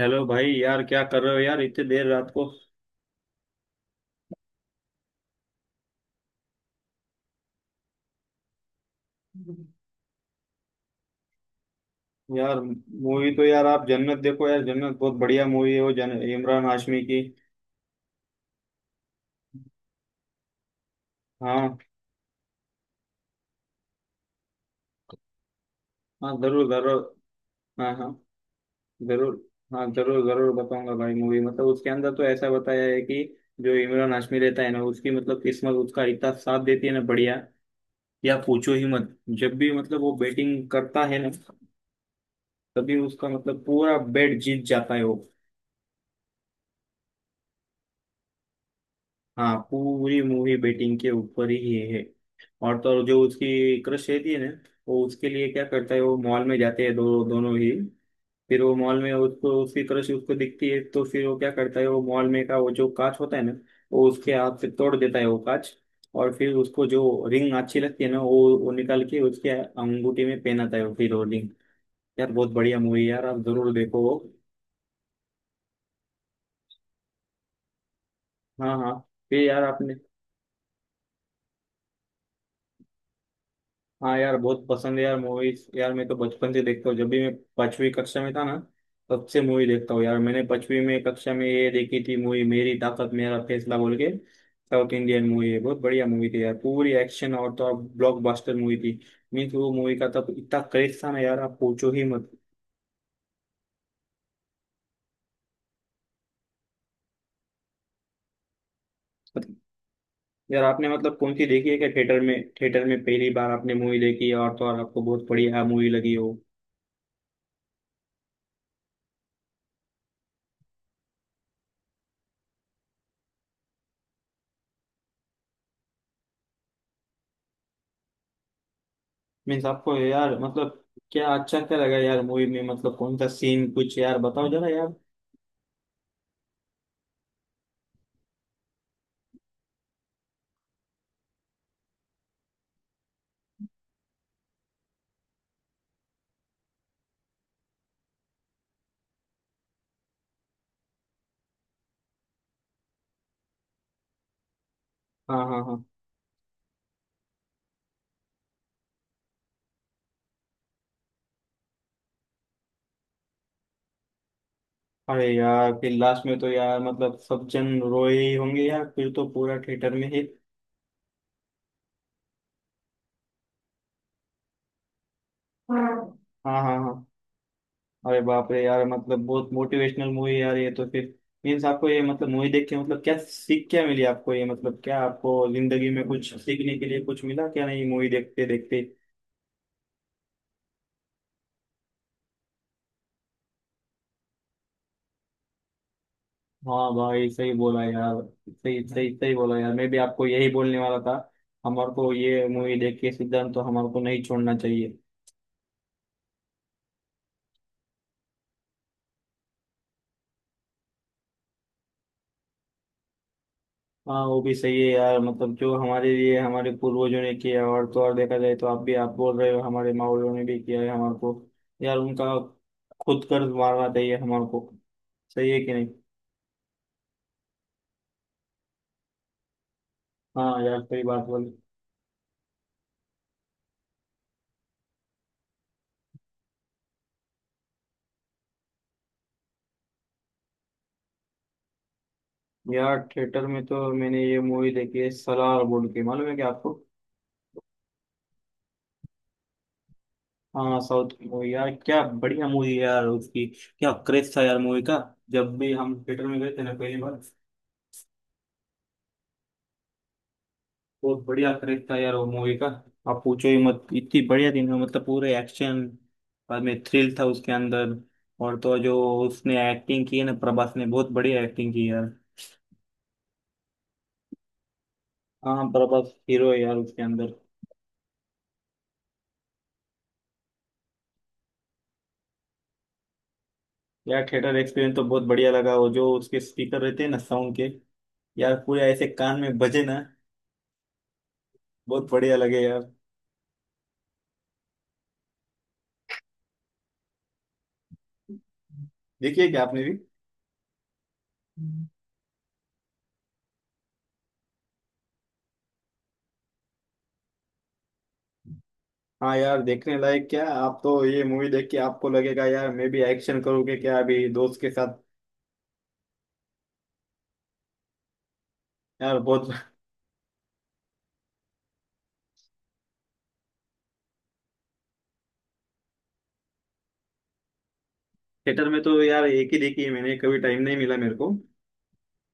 Hello भाई। यार क्या कर रहे हो यार इतने देर रात को। यार मूवी तो यार आप जन्नत देखो। यार जन्नत बहुत बढ़िया मूवी है वो जन इमरान हाशमी की। हाँ हाँ जरूर जरूर। हाँ हाँ जरूर। हाँ जरूर जरूर बताऊंगा भाई मूवी मतलब उसके अंदर तो ऐसा बताया है कि जो इमरान हाशमी रहता है ना उसकी मतलब किस्मत उसका इतना साथ देती है ना बढ़िया या पूछो ही मत। जब भी मतलब वो बैटिंग करता है ना तभी उसका मतलब पूरा बैट जीत जाता है वो। हाँ पूरी मूवी बेटिंग के ऊपर ही है। और तो और जो उसकी क्रश रहती है ना वो उसके लिए क्या करता है वो मॉल में जाते हैं दो दोनों ही। फिर वो मॉल में उसको उसकी क्रश उसको दिखती है तो फिर वो क्या करता है वो मॉल में का वो जो कांच होता है ना वो उसके हाथ से तोड़ देता है वो कांच। और फिर उसको जो रिंग अच्छी लगती है ना वो निकाल के उसके अंगूठी में पहनाता है वो फिर वो रिंग। यार बहुत बढ़िया मूवी यार आप जरूर देखो वो। हाँ हाँ। फिर यार आपने। हाँ यार बहुत पसंद है यार मूवीज यार मैं तो बचपन से देखता हूँ जब भी मैं 5वीं कक्षा में था ना तब से मूवी देखता हूँ। यार मैंने 5वीं में कक्षा में ये देखी थी मूवी मेरी ताकत मेरा फैसला बोल के। साउथ इंडियन मूवी है बहुत बढ़िया मूवी थी यार पूरी एक्शन और तो अब ब्लॉकबस्टर मूवी थी। मीन्स वो मूवी का तब इतना क्रेज था ना यार आप पूछो ही मत। मतलब- यार आपने मतलब कौन सी देखी है क्या थिएटर में। थिएटर में पहली बार आपने मूवी देखी है और तो और आपको बहुत बढ़िया मूवी लगी हो। मीन्स आपको यार मतलब क्या अच्छा क्या लगा यार मूवी में मतलब कौन सा सीन कुछ यार बताओ जरा यार। हाँ हाँ हाँ। अरे यार फिर लास्ट में तो यार मतलब सब जन रोए ही होंगे यार फिर तो पूरा थिएटर में ही। हाँ हाँ हाँ। अरे बाप रे यार मतलब बहुत मोटिवेशनल मूवी यार ये तो फिर। मीन्स आपको ये मतलब मूवी देख के मतलब क्या सीख क्या मिली आपको ये मतलब क्या आपको जिंदगी में कुछ सीखने के लिए कुछ मिला क्या नहीं मूवी देखते देखते। हाँ भाई सही बोला यार। सही सही सही बोला यार मैं भी आपको यही बोलने वाला था। हमारे को ये मूवी देख के सिद्धांत तो हमारे को नहीं छोड़ना चाहिए। हाँ वो भी सही है यार मतलब जो हमारे लिए हमारे पूर्वजों ने किया और तो और देखा जाए तो आप भी आप बोल रहे हो हमारे माँ बाप ने भी किया है हमारे को। यार उनका खुद कर्ज मारना चाहिए हमारे को। सही है कि नहीं। हाँ यार सही बात बोली। यार थिएटर में तो मैंने ये मूवी देखी है सलार बोल के मालूम है क्या आपको। हाँ साउथ की मूवी यार क्या बढ़िया मूवी यार उसकी। क्या क्रेज था यार मूवी का। जब भी हम थिएटर में गए थे ना पहली बार। बहुत बढ़िया क्रेज था यार वो मूवी का। आप पूछो ही मत इतनी बढ़िया थी ना मतलब पूरे एक्शन। बाद में थ्रिल था उसके अंदर। और तो जो उसने एक्टिंग की है ना प्रभास ने बहुत बढ़िया एक्टिंग की यार। हाँ प्रभास हीरो है यार उसके अंदर। यार थिएटर एक्सपीरियंस तो बहुत बढ़िया लगा वो जो उसके स्पीकर रहते हैं ना साउंड के। यार पूरे ऐसे कान में बजे ना। बहुत बढ़िया लगे यार। देखिए क्या आपने भी। हाँ यार देखने लायक क्या है? आप तो ये मूवी देख के आपको लगेगा यार मैं भी एक्शन करूँगी क्या अभी दोस्त के साथ। यार बहुत। थिएटर में तो यार एक ही देखी है मैंने कभी टाइम नहीं मिला मेरे को।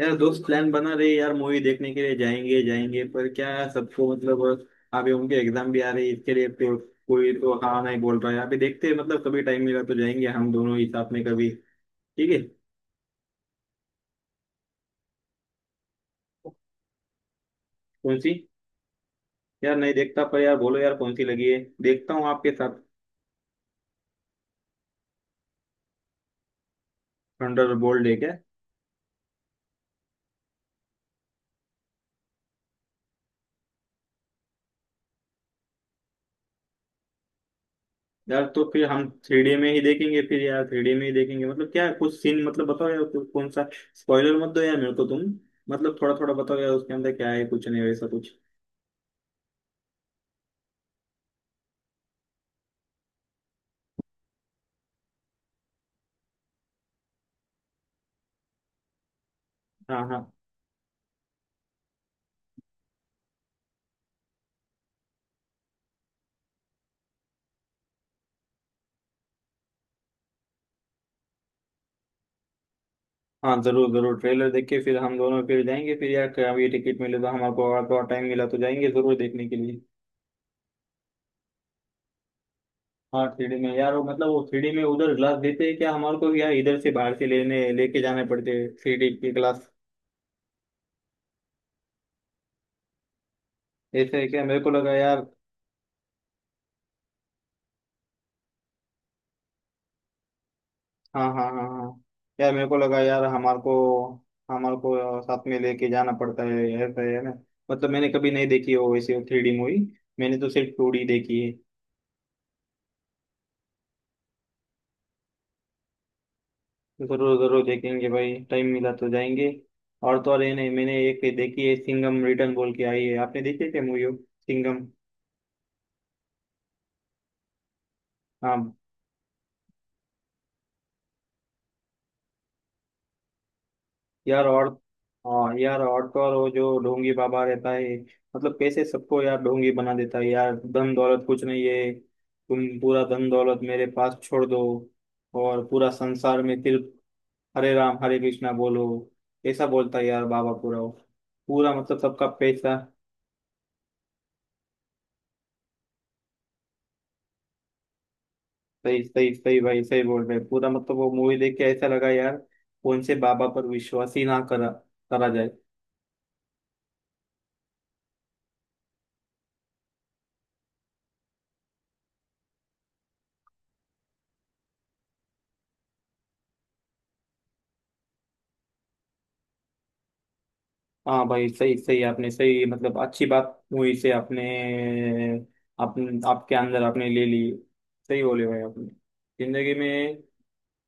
यार दोस्त प्लान बना रहे यार मूवी देखने के लिए जाएंगे जाएंगे पर क्या है, सबको मतलब। अभी उनके एग्जाम भी आ रही है इसके लिए तो। कोई तो हाँ नहीं बोल रहा है अभी देखते हैं मतलब कभी टाइम मिला तो जाएंगे हम दोनों ही साथ में कभी। ठीक है। कौन सी। यार नहीं देखता पर यार बोलो यार कौन सी लगी है देखता हूँ आपके साथ। थंडरबोल्ट है क्या। यार तो फिर हम 3D में ही देखेंगे फिर यार 3D में ही देखेंगे मतलब क्या है, कुछ सीन मतलब बताओ यार कौन सा। स्पॉइलर मत दो यार मेरे को तुम। मतलब थोड़ा थोड़ा बताओ यार उसके अंदर क्या है कुछ नहीं वैसा कुछ। हाँ हाँ हाँ जरूर जरूर ट्रेलर देख के फिर हम दोनों फिर जाएंगे फिर यार क्या ये टिकट मिले तो हमारे को अगर थोड़ा टाइम मिला तो जाएंगे जरूर देखने के लिए। हाँ 3D में यार वो मतलब वो 3D में उधर ग्लास देते हैं क्या हमारे को यार इधर से बाहर से लेने लेके जाने पड़ते हैं 3D की ग्लास। ऐसे है क्या मेरे को लगा यार। हाँ हाँ हाँ हाँ। यार मेरे को लगा यार हमार को साथ में लेके जाना पड़ता है ऐसा है ना। मतलब मैंने कभी नहीं देखी हो वैसे 3D मूवी। मैंने तो सिर्फ 2D देखी है। तो जरूर जरूर देखेंगे भाई टाइम मिला तो जाएंगे। और तो और ये नहीं मैंने एक देखी है सिंघम रिटर्न बोल के आई है आपने देखी है क्या मूवी। सिंघम। हाँ यार और। हाँ यार और तो और वो जो ढोंगी बाबा रहता है मतलब कैसे सबको यार ढोंगी बना देता है यार धन दौलत कुछ नहीं है। तुम पूरा धन दौलत मेरे पास छोड़ दो और पूरा संसार में सिर्फ हरे राम हरे कृष्णा बोलो। ऐसा बोलता है यार बाबा पूरा वो। पूरा मतलब सबका पैसा। सही सही सही भाई सही बोल रहे पूरा मतलब वो मूवी देख के ऐसा लगा यार। कौन से बाबा पर विश्वास ही ना करा करा जाए। हाँ भाई सही सही आपने सही मतलब अच्छी बात हुई से आपने। अपने आपके अंदर आपने ले ली। सही बोले भाई आपने। जिंदगी में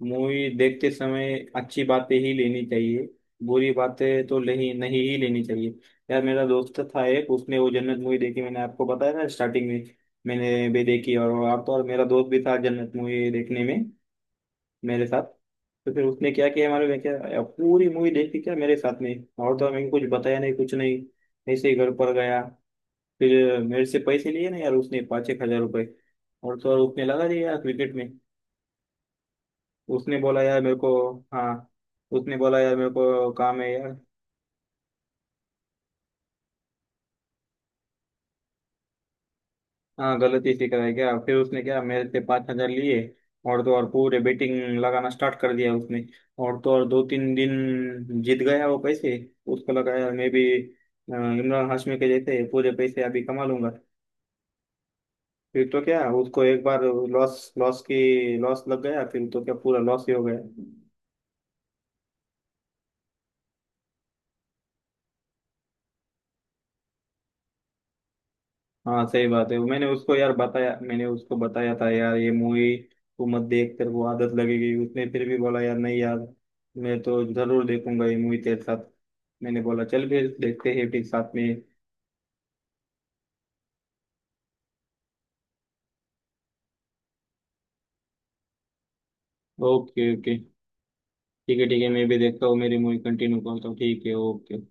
मूवी देखते समय अच्छी बातें ही लेनी चाहिए। बुरी बातें तो नहीं नहीं ही लेनी चाहिए। यार मेरा दोस्त था एक उसने वो जन्नत मूवी देखी मैंने आपको बताया ना स्टार्टिंग में। मैंने भी देखी और आप तो और मेरा दोस्त भी था जन्नत मूवी देखने में मेरे साथ। तो फिर उसने क्या किया मालूम है क्या पूरी मूवी देखी क्या मेरे साथ में। और तो मैंने कुछ बताया नहीं कुछ नहीं। ऐसे ही घर पर गया फिर मेरे से पैसे लिए ना यार उसने पाँच एक हजार रुपए। और तो और उसने लगा दिया यार क्रिकेट में। उसने बोला यार मेरे को। हाँ। उसने बोला यार मेरे को काम है यार। हाँ गलती इसी का है क्या फिर उसने क्या मेरे से 5 हज़ार लिए। और तो और पूरे बेटिंग लगाना स्टार्ट कर दिया उसने। और तो और 2-3 दिन जीत गया वो पैसे। उसको लगा यार मैं भी इमरान हाशमी के जैसे पूरे पैसे अभी कमा लूंगा। फिर तो क्या उसको एक बार लॉस लॉस की लॉस लग गया फिर तो क्या पूरा लॉस ही हो गया। हाँ सही बात है मैंने उसको यार बताया मैंने उसको बताया था यार ये मूवी। तू मत देख तेरे को आदत लगेगी उसने फिर भी बोला यार नहीं यार। मैं तो जरूर देखूंगा ये मूवी तेरे साथ। मैंने बोला चल फिर देखते हैं फिर साथ में। Okay okay. ठीक है मैं भी देखता हूँ मेरी मूवी कंटिन्यू करता हूँ ठीक है ओके।